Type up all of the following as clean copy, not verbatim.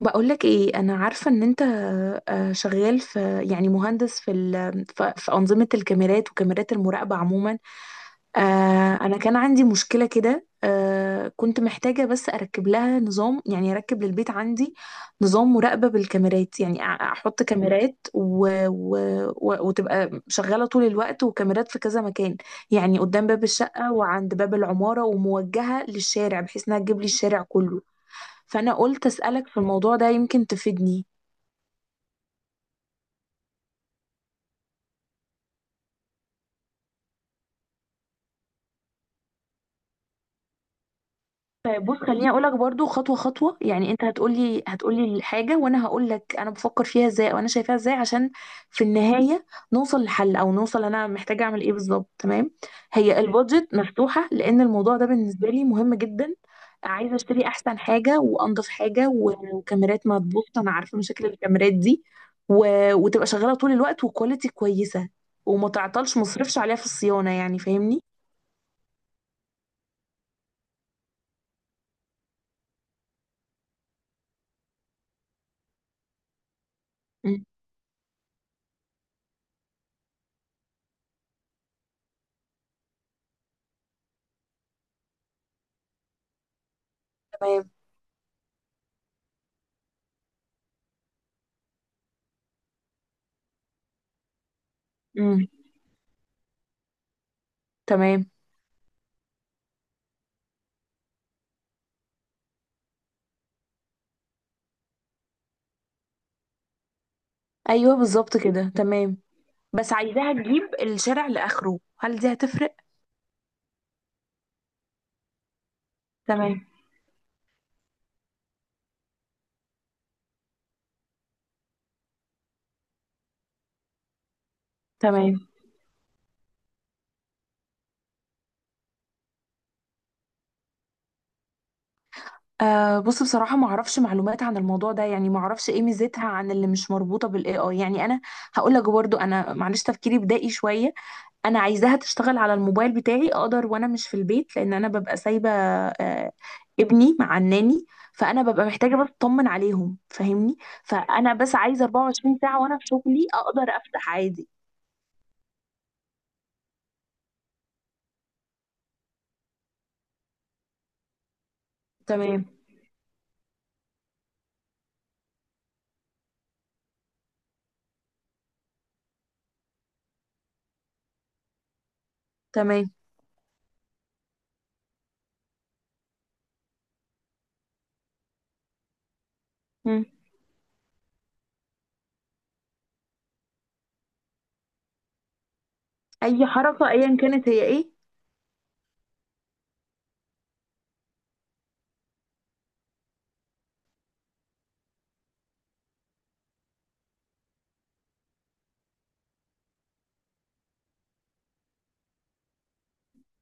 بقولك ايه؟ انا عارفة ان انت شغال في مهندس في ال- في في أنظمة الكاميرات وكاميرات المراقبة عموما. انا كان عندي مشكلة كده. كنت محتاجة بس اركب لها نظام، يعني اركب للبيت عندي نظام مراقبة بالكاميرات، يعني احط كاميرات و... و... و... وتبقى شغالة طول الوقت، وكاميرات في كذا مكان، يعني قدام باب الشقة وعند باب العمارة وموجهة للشارع بحيث انها تجيب لي الشارع كله. فانا قلت اسالك في الموضوع ده، يمكن تفيدني. طيب بص، خليني اقولك برضو خطوه خطوه، يعني انت هتقولي الحاجه وانا هقولك انا بفكر فيها ازاي وانا شايفاها ازاي، عشان في النهايه نوصل لحل، او نوصل انا محتاجه اعمل ايه بالظبط. تمام. هي البادجت مفتوحه لان الموضوع ده بالنسبه لي مهم جدا. عايزه اشتري احسن حاجه وانضف حاجه و- وكاميرات ما تبوظ، انا عارفه مشاكل الكاميرات دي. و... وتبقى شغاله طول الوقت، وكواليتي كويسه، وما تعطلش مصرفش عليها في الصيانه، يعني فاهمني؟ تمام. امم. تمام. ايوه بالظبط كده تمام. بس عايزاها تجيب الشارع لاخره، هل دي هتفرق؟ تمام. تمام. آه بص، بصراحه ما اعرفش معلومات عن الموضوع ده، يعني ما اعرفش ايه ميزتها عن اللي مش مربوطه بالاي اي، يعني انا هقول لك برضو، انا معلش تفكيري بدائي شويه. انا عايزاها تشتغل على الموبايل بتاعي، اقدر وانا مش في البيت، لان انا ببقى سايبه ابني مع الناني، فانا ببقى محتاجه بس اطمن عليهم، فاهمني؟ فانا بس عايزه 24 ساعه وانا في شغلي اقدر افتح عادي. تمام. تمام. مم. اي حركه ايا كانت هي ايه؟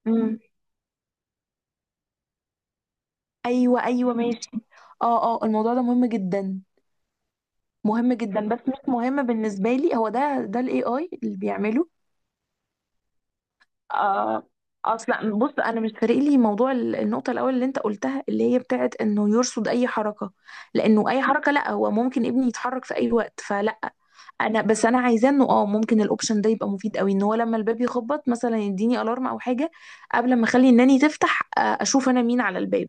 مم. ايوه ايوه ماشي. اه اه، الموضوع ده مهم جدا، مهم جدا، بس مش مهم بالنسبه لي. هو ده الاي اي اللي بيعمله؟ آه. اصلا بص، انا مش فارق لي موضوع النقطه الاول اللي انت قلتها اللي هي بتاعت انه يرصد اي حركه، لانه اي حركه، لا، هو ممكن ابني يتحرك في اي وقت فلا. انا بس، انا عايزاه انه اه، ممكن الاوبشن ده يبقى مفيد قوي، ان هو لما الباب يخبط مثلا يديني الارم او حاجه قبل ما اخلي الناني تفتح، اشوف انا مين على الباب.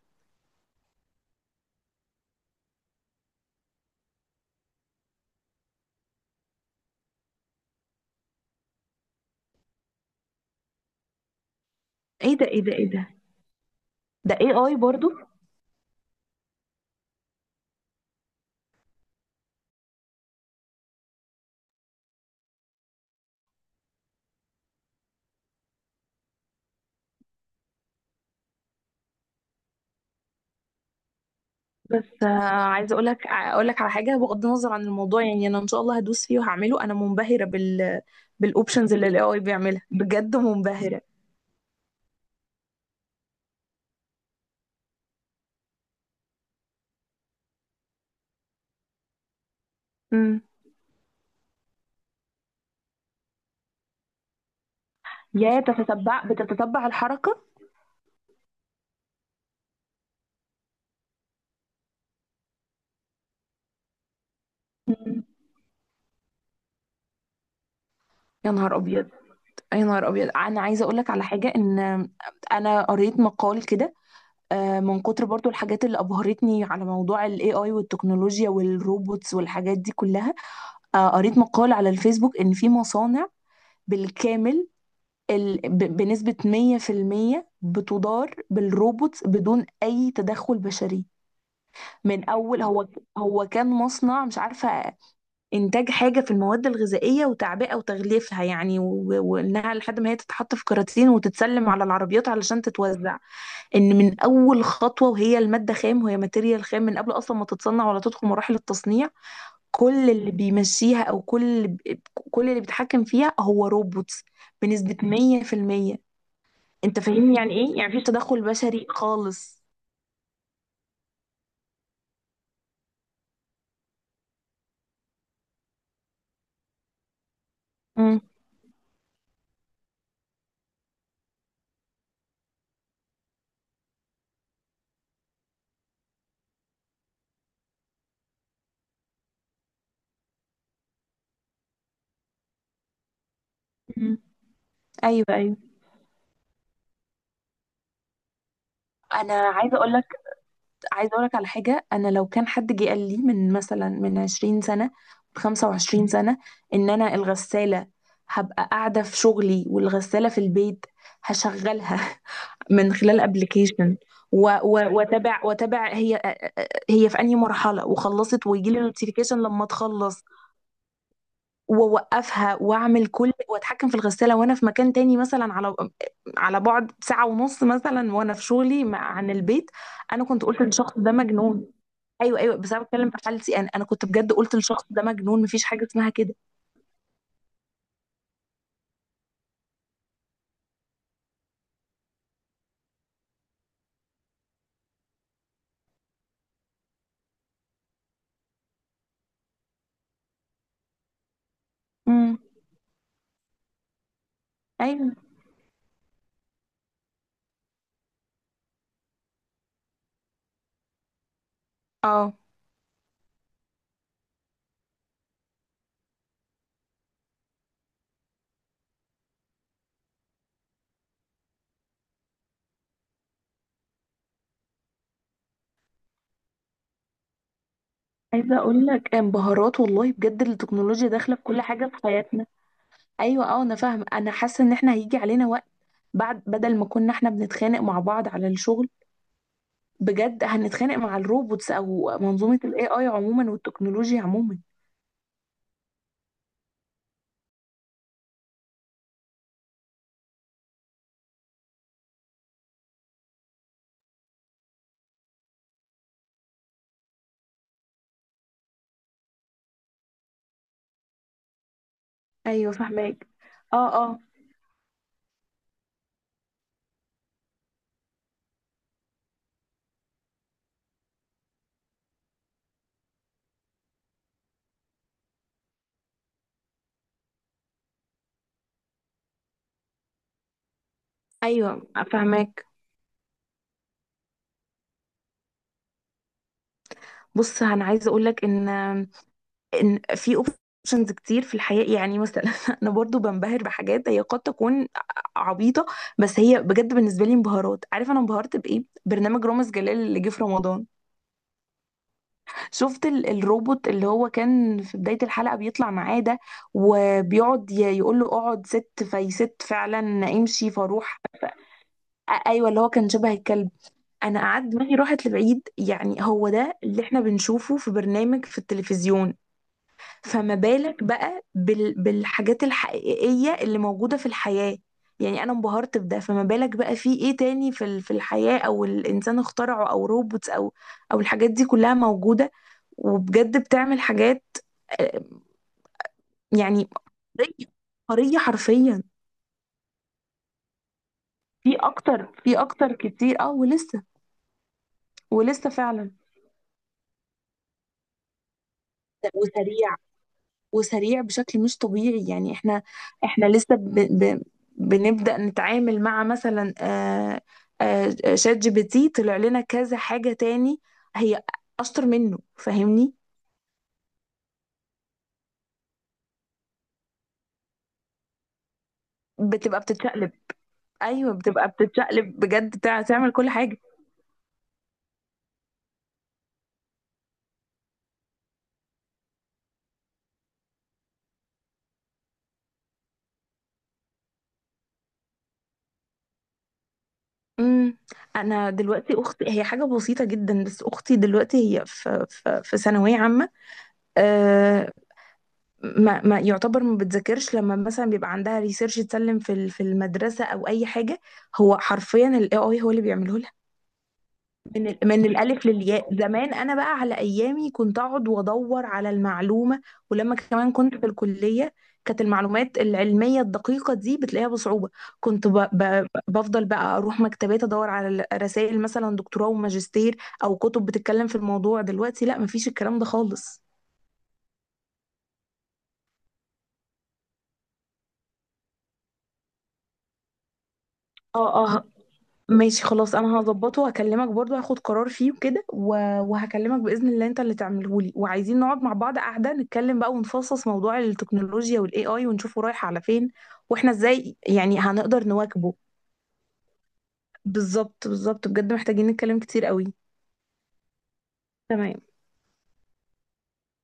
ايه ده؟ ايه ده؟ ايه ده؟ ده اي اي برضو؟ بس عايزه اقول لك على حاجه بغض النظر عن الموضوع، يعني انا ان شاء الله هدوس فيه وهعمله. انا منبهره بالاوبشنز اللي الاي اي بيعملها، بجد منبهره. امم. يا تتتبع، بتتتبع الحركه. يا نهار ابيض! يا نهار ابيض، انا عايزه اقول لك على حاجه. ان انا قريت مقال كده، من كتر برضو الحاجات اللي أبهرتني على موضوع ال AI والتكنولوجيا والروبوتس والحاجات دي كلها. قريت مقال على الفيسبوك إن في مصانع بالكامل ال... ب... بنسبة 100% بتدار بالروبوتس بدون أي تدخل بشري. من أول هو، هو كان مصنع مش عارفة، انتاج حاجه في المواد الغذائيه وتعبئه وتغليفها، يعني و- وانها لحد ما هي تتحط في كراتين وتتسلم على العربيات علشان تتوزع. ان من اول خطوه وهي الماده خام، وهي ماتيريال خام من قبل اصلا ما تتصنع ولا تدخل مراحل التصنيع، كل اللي بيمشيها، او كل اللي بيتحكم فيها هو روبوتس، بنسبه 100%. انت فاهمني يعني ايه؟ يعني مفيش تدخل بشري خالص. امم. ايوه ايوه. انا عايزه اقول لك، عايزه اقول لك على حاجه. انا لو كان حد جه قال لي من مثلا من 20 سنه، 25 سنه، ان انا الغساله هبقى قاعده في شغلي والغساله في البيت هشغلها من خلال ابلكيشن، واتابع، واتابع هي، هي في انهي مرحله وخلصت، ويجي لي نوتيفيكيشن لما تخلص، واوقفها، واعمل كل، واتحكم في الغساله وانا في مكان تاني، مثلا على على بعد ساعه ونص مثلا، وانا في شغلي عن البيت. انا كنت قلت للشخص ده مجنون. ايوه ايوه، بس انا بتكلم في حالتي انا، انا كنت بجد قلت للشخص ده مجنون، مفيش حاجه اسمها كده. امم. ايوه اه. عايزه اقول لك، انبهارات والله بجد، التكنولوجيا داخله في كل حاجه في حياتنا. ايوه اه، انا فاهمه، انا حاسه ان احنا هيجي علينا وقت بعد، بدل ما كنا احنا بنتخانق مع بعض على الشغل، بجد هنتخانق مع الروبوتس او منظومه الاي اي عموما والتكنولوجيا عموما. ايوه فاهماك. اه اه. ايوه فاهماك. بص انا عايزه اقول لك ان، ان في اوبشنز كتير في الحياه، يعني مثلا انا برضو بنبهر بحاجات هي قد تكون عبيطه، بس هي بجد بالنسبه لي انبهارات. عارف انا انبهرت بايه؟ برنامج رامز جلال اللي جه في رمضان، شفت الروبوت اللي هو كان في بداية الحلقة بيطلع معاه ده، وبيقعد يقول له اقعد، ست، فيست، فعلا امشي فاروح، ايوه اللي هو كان شبه الكلب، انا قعدت دماغي راحت لبعيد. يعني هو ده اللي احنا بنشوفه في برنامج في التلفزيون، فما بالك بقى بالحاجات الحقيقية اللي موجودة في الحياة؟ يعني أنا انبهرت بده، فما بالك بقى في إيه تاني في في الحياة، أو الإنسان اخترعه، أو روبوتس، أو أو الحاجات دي كلها موجودة، وبجد بتعمل حاجات آه، يعني قرية، قرية حرفيا. في أكتر، في أكتر كتير، أه ولسه، ولسه فعلا. وسريع، وسريع بشكل مش طبيعي. يعني احنا، احنا لسه ب... ب... بنبدأ نتعامل مع مثلا شات جي بي تي طلع لنا كذا حاجة تاني هي أشطر منه، فاهمني؟ بتبقى بتتشقلب. ايوه بتبقى بتتشقلب بجد، تعمل كل حاجة. امم. انا دلوقتي اختي، هي حاجه بسيطه جدا، بس اختي دلوقتي هي في في ثانويه عامه، آه، ما يعتبر ما بتذاكرش، لما مثلا بيبقى عندها ريسيرش تسلم في المدرسه او اي حاجه، هو حرفيا الاي اي هو اللي بيعمله لها. من من الالف للياء. زمان انا بقى على ايامي كنت اقعد وادور على المعلومه، ولما كمان كنت في الكليه، كانت المعلومات العلميه الدقيقه دي بتلاقيها بصعوبه، كنت ب... ب... بفضل بقى اروح مكتبات ادور على رسائل مثلا دكتوراه وماجستير، او كتب بتتكلم في الموضوع. دلوقتي لا، مفيش الكلام ده خالص. اه اه ماشي، خلاص انا هظبطه وهكلمك برضه، هاخد قرار فيه وكده و- وهكلمك باذن الله انت اللي تعمله لي. وعايزين نقعد مع بعض قاعده نتكلم بقى ونفصص موضوع التكنولوجيا والاي اي ونشوفه رايح على فين، واحنا ازاي يعني هنقدر نواكبه. بالظبط بالظبط، بجد محتاجين نتكلم كتير قوي. تمام.